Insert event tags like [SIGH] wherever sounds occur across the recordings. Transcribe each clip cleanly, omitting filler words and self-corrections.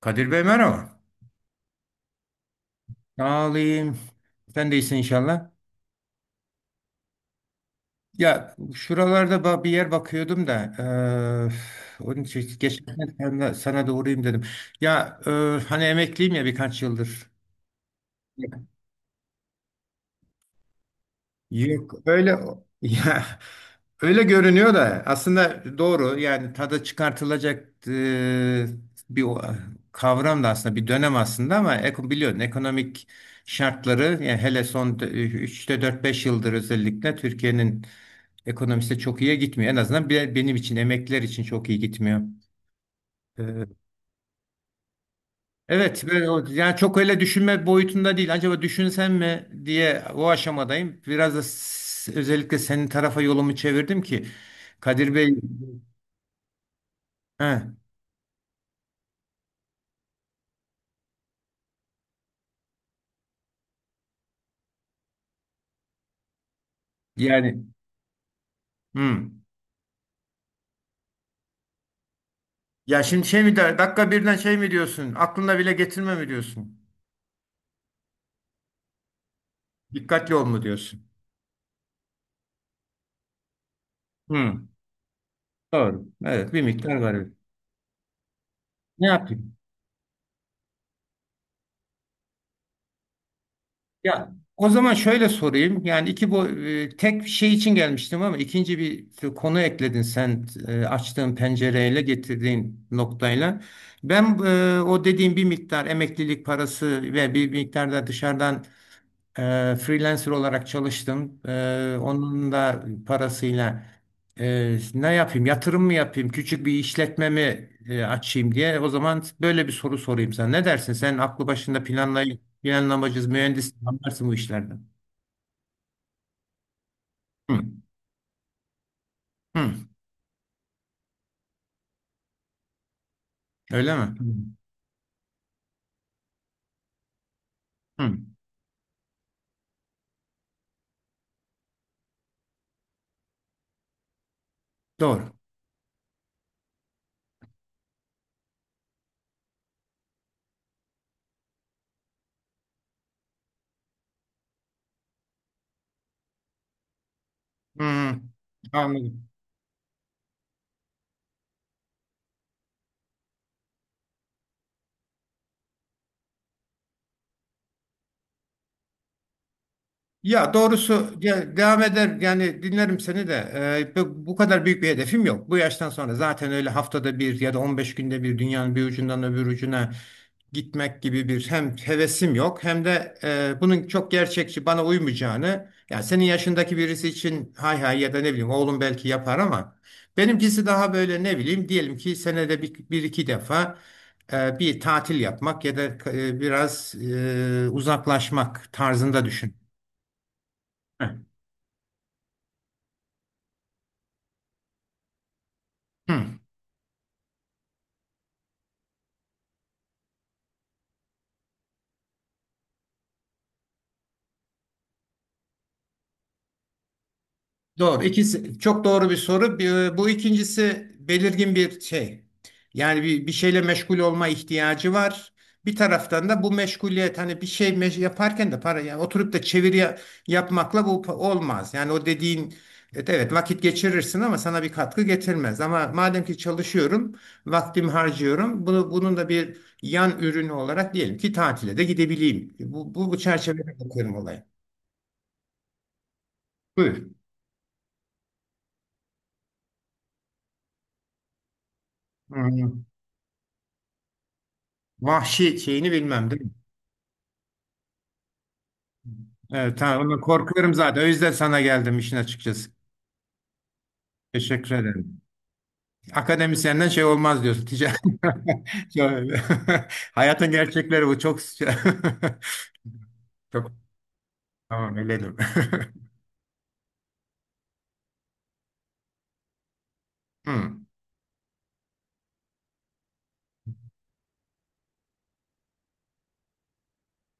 Kadir Bey, merhaba. Sağ olayım. Sen de iyisin inşallah. Ya şuralarda bir yer bakıyordum da, onun için geçen sana da uğrayayım dedim. Ya hani emekliyim ya, birkaç yıldır. Yok öyle [LAUGHS] ya, öyle görünüyor da aslında doğru. Yani tadı çıkartılacak bir kavram da aslında bir dönem aslında, ama biliyorsun ekonomik şartları. Yani hele son üçte dört beş yıldır özellikle Türkiye'nin ekonomisi çok iyiye gitmiyor. En azından benim için, emekliler için çok iyi gitmiyor. Evet, ben yani çok öyle düşünme boyutunda değil. Acaba düşünsem mi diye, o aşamadayım. Biraz da özellikle senin tarafa yolumu çevirdim ki, Kadir Bey. He. Yani. Hmm. Ya şimdi şey mi der, dakika birden şey mi diyorsun? Aklına bile getirme mi diyorsun? Dikkatli ol mu diyorsun? Hmm. Doğru. Evet, bir miktar var. Ne yapayım? Ya o zaman şöyle sorayım. Yani iki bu tek şey için gelmiştim, ama ikinci bir konu ekledin sen, açtığın pencereyle, getirdiğin noktayla. Ben, o dediğim, bir miktar emeklilik parası ve bir miktar da dışarıdan, freelancer olarak çalıştım, onun da parasıyla. Ne yapayım? Yatırım mı yapayım? Küçük bir işletme mi açayım diye. O zaman böyle bir soru sorayım sana. Ne dersin? Sen aklı başında, planlamacı, mühendis, anlarsın bu işlerden. Hı, hı. Öyle mi? Hı, hı. Doğru. Hı, anladım. Ya doğrusu ya, devam eder, yani dinlerim seni de. Bu kadar büyük bir hedefim yok. Bu yaştan sonra zaten öyle haftada bir ya da 15 günde bir dünyanın bir ucundan öbür ucuna gitmek gibi bir hem hevesim yok, hem de bunun çok gerçekçi bana uymayacağını, yani senin yaşındaki birisi için hay hay ya da ne bileyim oğlum belki yapar, ama benimkisi daha böyle, ne bileyim, diyelim ki senede bir, bir iki defa bir tatil yapmak ya da biraz uzaklaşmak tarzında düşün. Hı, doğru. İkisi çok doğru bir soru. Bu ikincisi belirgin bir şey. Yani bir şeyle meşgul olma ihtiyacı var. Bir taraftan da bu meşguliyet, hani bir şey yaparken de para. Yani oturup da çeviri yapmakla bu olmaz. Yani o dediğin, evet evet, vakit geçirirsin ama sana bir katkı getirmez. Ama madem ki çalışıyorum, vaktimi harcıyorum. Bunun da bir yan ürünü olarak diyelim ki tatile de gidebileyim. Bu çerçevede bakıyorum olaya. Buyur. Hı. Vahşi şeyini bilmem, değil mi? Evet, tamam. Ondan korkuyorum zaten. O yüzden sana geldim işin açıkçası. Teşekkür ederim. Akademisyenden şey olmaz diyorsun. Ticaret. [LAUGHS] Şöyle. [LAUGHS] Hayatın gerçekleri bu. Çok [LAUGHS] çok, tamam, eledim. [LAUGHS] Hmm.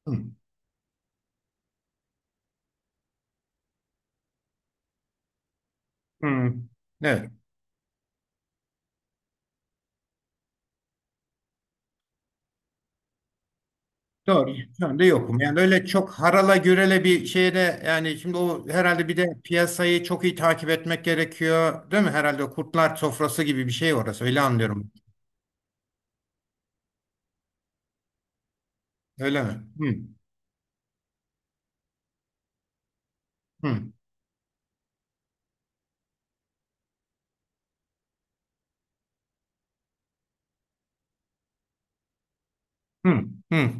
Hmm. Hmm. Evet. Doğru. Şu anda yokum. Yani öyle çok harala gürele bir şeyde, yani şimdi o herhalde bir de piyasayı çok iyi takip etmek gerekiyor, değil mi? Herhalde o kurtlar sofrası gibi bir şey orası. Öyle anlıyorum. Öyle mi? Hmm. Hmm. Hı, hı.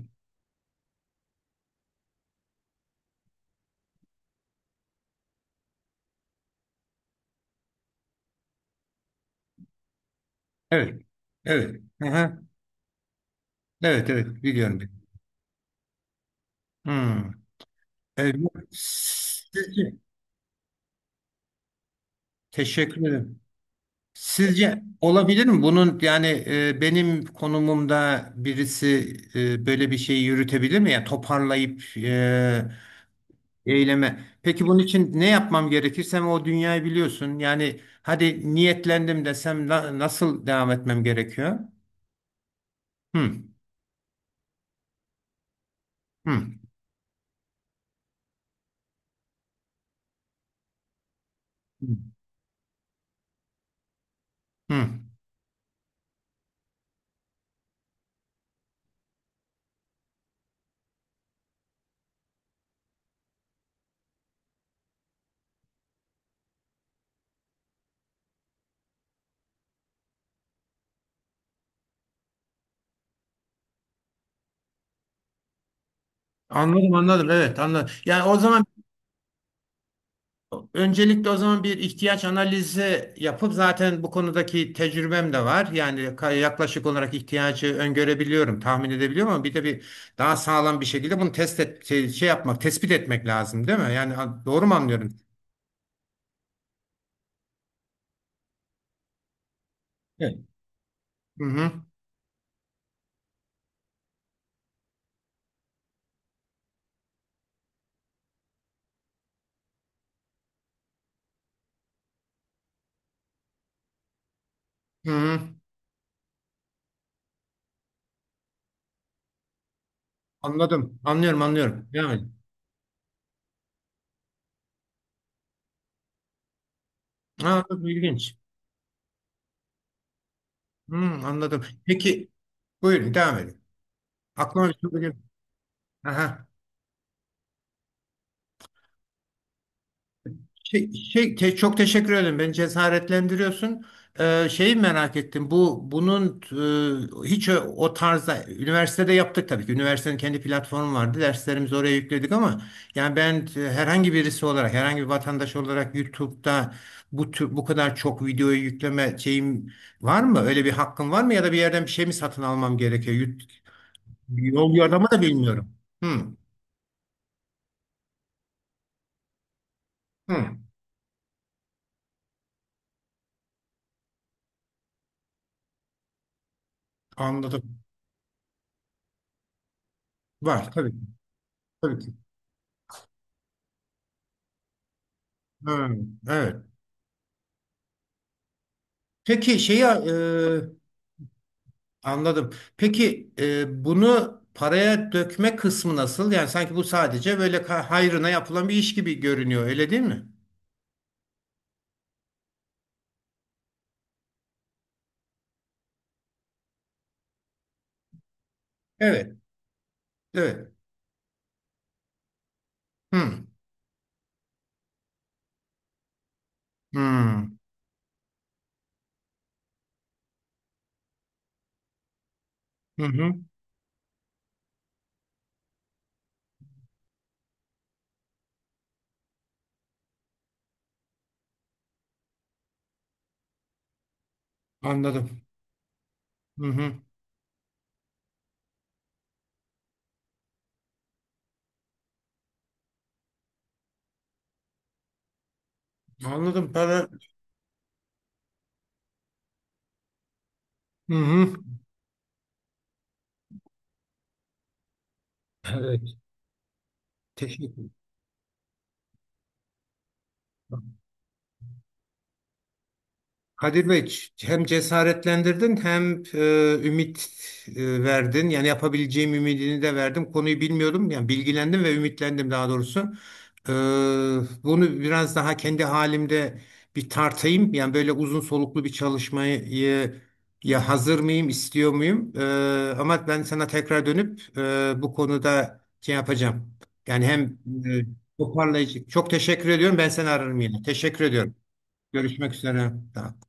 Evet. Evet. Aha. Evet, evet. Biliyorum. Hı. Evet. Sizce, teşekkür ederim. Sizce olabilir mi? Bunun, yani benim konumumda birisi, böyle bir şeyi yürütebilir mi? Yani toparlayıp eyleme. Peki bunun için ne yapmam gerekir? Sen o dünyayı biliyorsun. Yani hadi niyetlendim desem, nasıl devam etmem gerekiyor? Hı, hı, hı. Anladım, anladım, evet, anladım. Yani o zaman, öncelikle o zaman bir ihtiyaç analizi yapıp, zaten bu konudaki tecrübem de var. Yani yaklaşık olarak ihtiyacı öngörebiliyorum, tahmin edebiliyorum, ama bir de bir daha sağlam bir şekilde bunu test et, yapmak, tespit etmek lazım, değil mi? Yani doğru mu anlıyorum? Evet. Hı, hı. Hı, hı. Anladım. Anlıyorum, anlıyorum. Devam edin. Aa, çok ilginç. Hı, anladım. Peki, buyurun, devam edin. Aklıma bir şey geliyor. Aha. Çok teşekkür ederim. Beni cesaretlendiriyorsun. Şeyi merak ettim. Bunun hiç o tarzda üniversitede yaptık tabii ki. Üniversitenin kendi platformu vardı. Derslerimizi oraya yükledik, ama yani ben, herhangi birisi olarak, herhangi bir vatandaş olarak YouTube'da bu tür, bu kadar çok videoyu yükleme şeyim var mı? Öyle bir hakkım var mı, ya da bir yerden bir şey mi satın almam gerekiyor? Yol yordamı da bilmiyorum. Hı, hı. Anladım. Var tabii ki. Tabii ki. Hı, evet. Peki şeyi, anladım. Peki, bunu paraya dökme kısmı nasıl? Yani sanki bu sadece böyle hayrına yapılan bir iş gibi görünüyor, öyle değil mi? Evet, evet. Hı, hı, hı, hı. Anladım. Hı, hı. Anladım, para. Hı, hı. Evet. Teşekkür. Kadir Bey, hem cesaretlendirdin hem ümit verdin. Yani yapabileceğim ümidini de verdim. Konuyu bilmiyordum. Yani bilgilendim ve ümitlendim, daha doğrusu. E, Bunu biraz daha kendi halimde bir tartayım. Yani böyle uzun soluklu bir çalışmayı ya hazır mıyım, istiyor muyum? Ama ben sana tekrar dönüp bu konuda şey yapacağım. Yani hem e, toparlayıcı. Çok teşekkür ediyorum. Ben seni ararım yine. Teşekkür ediyorum. Görüşmek üzere. Tamam.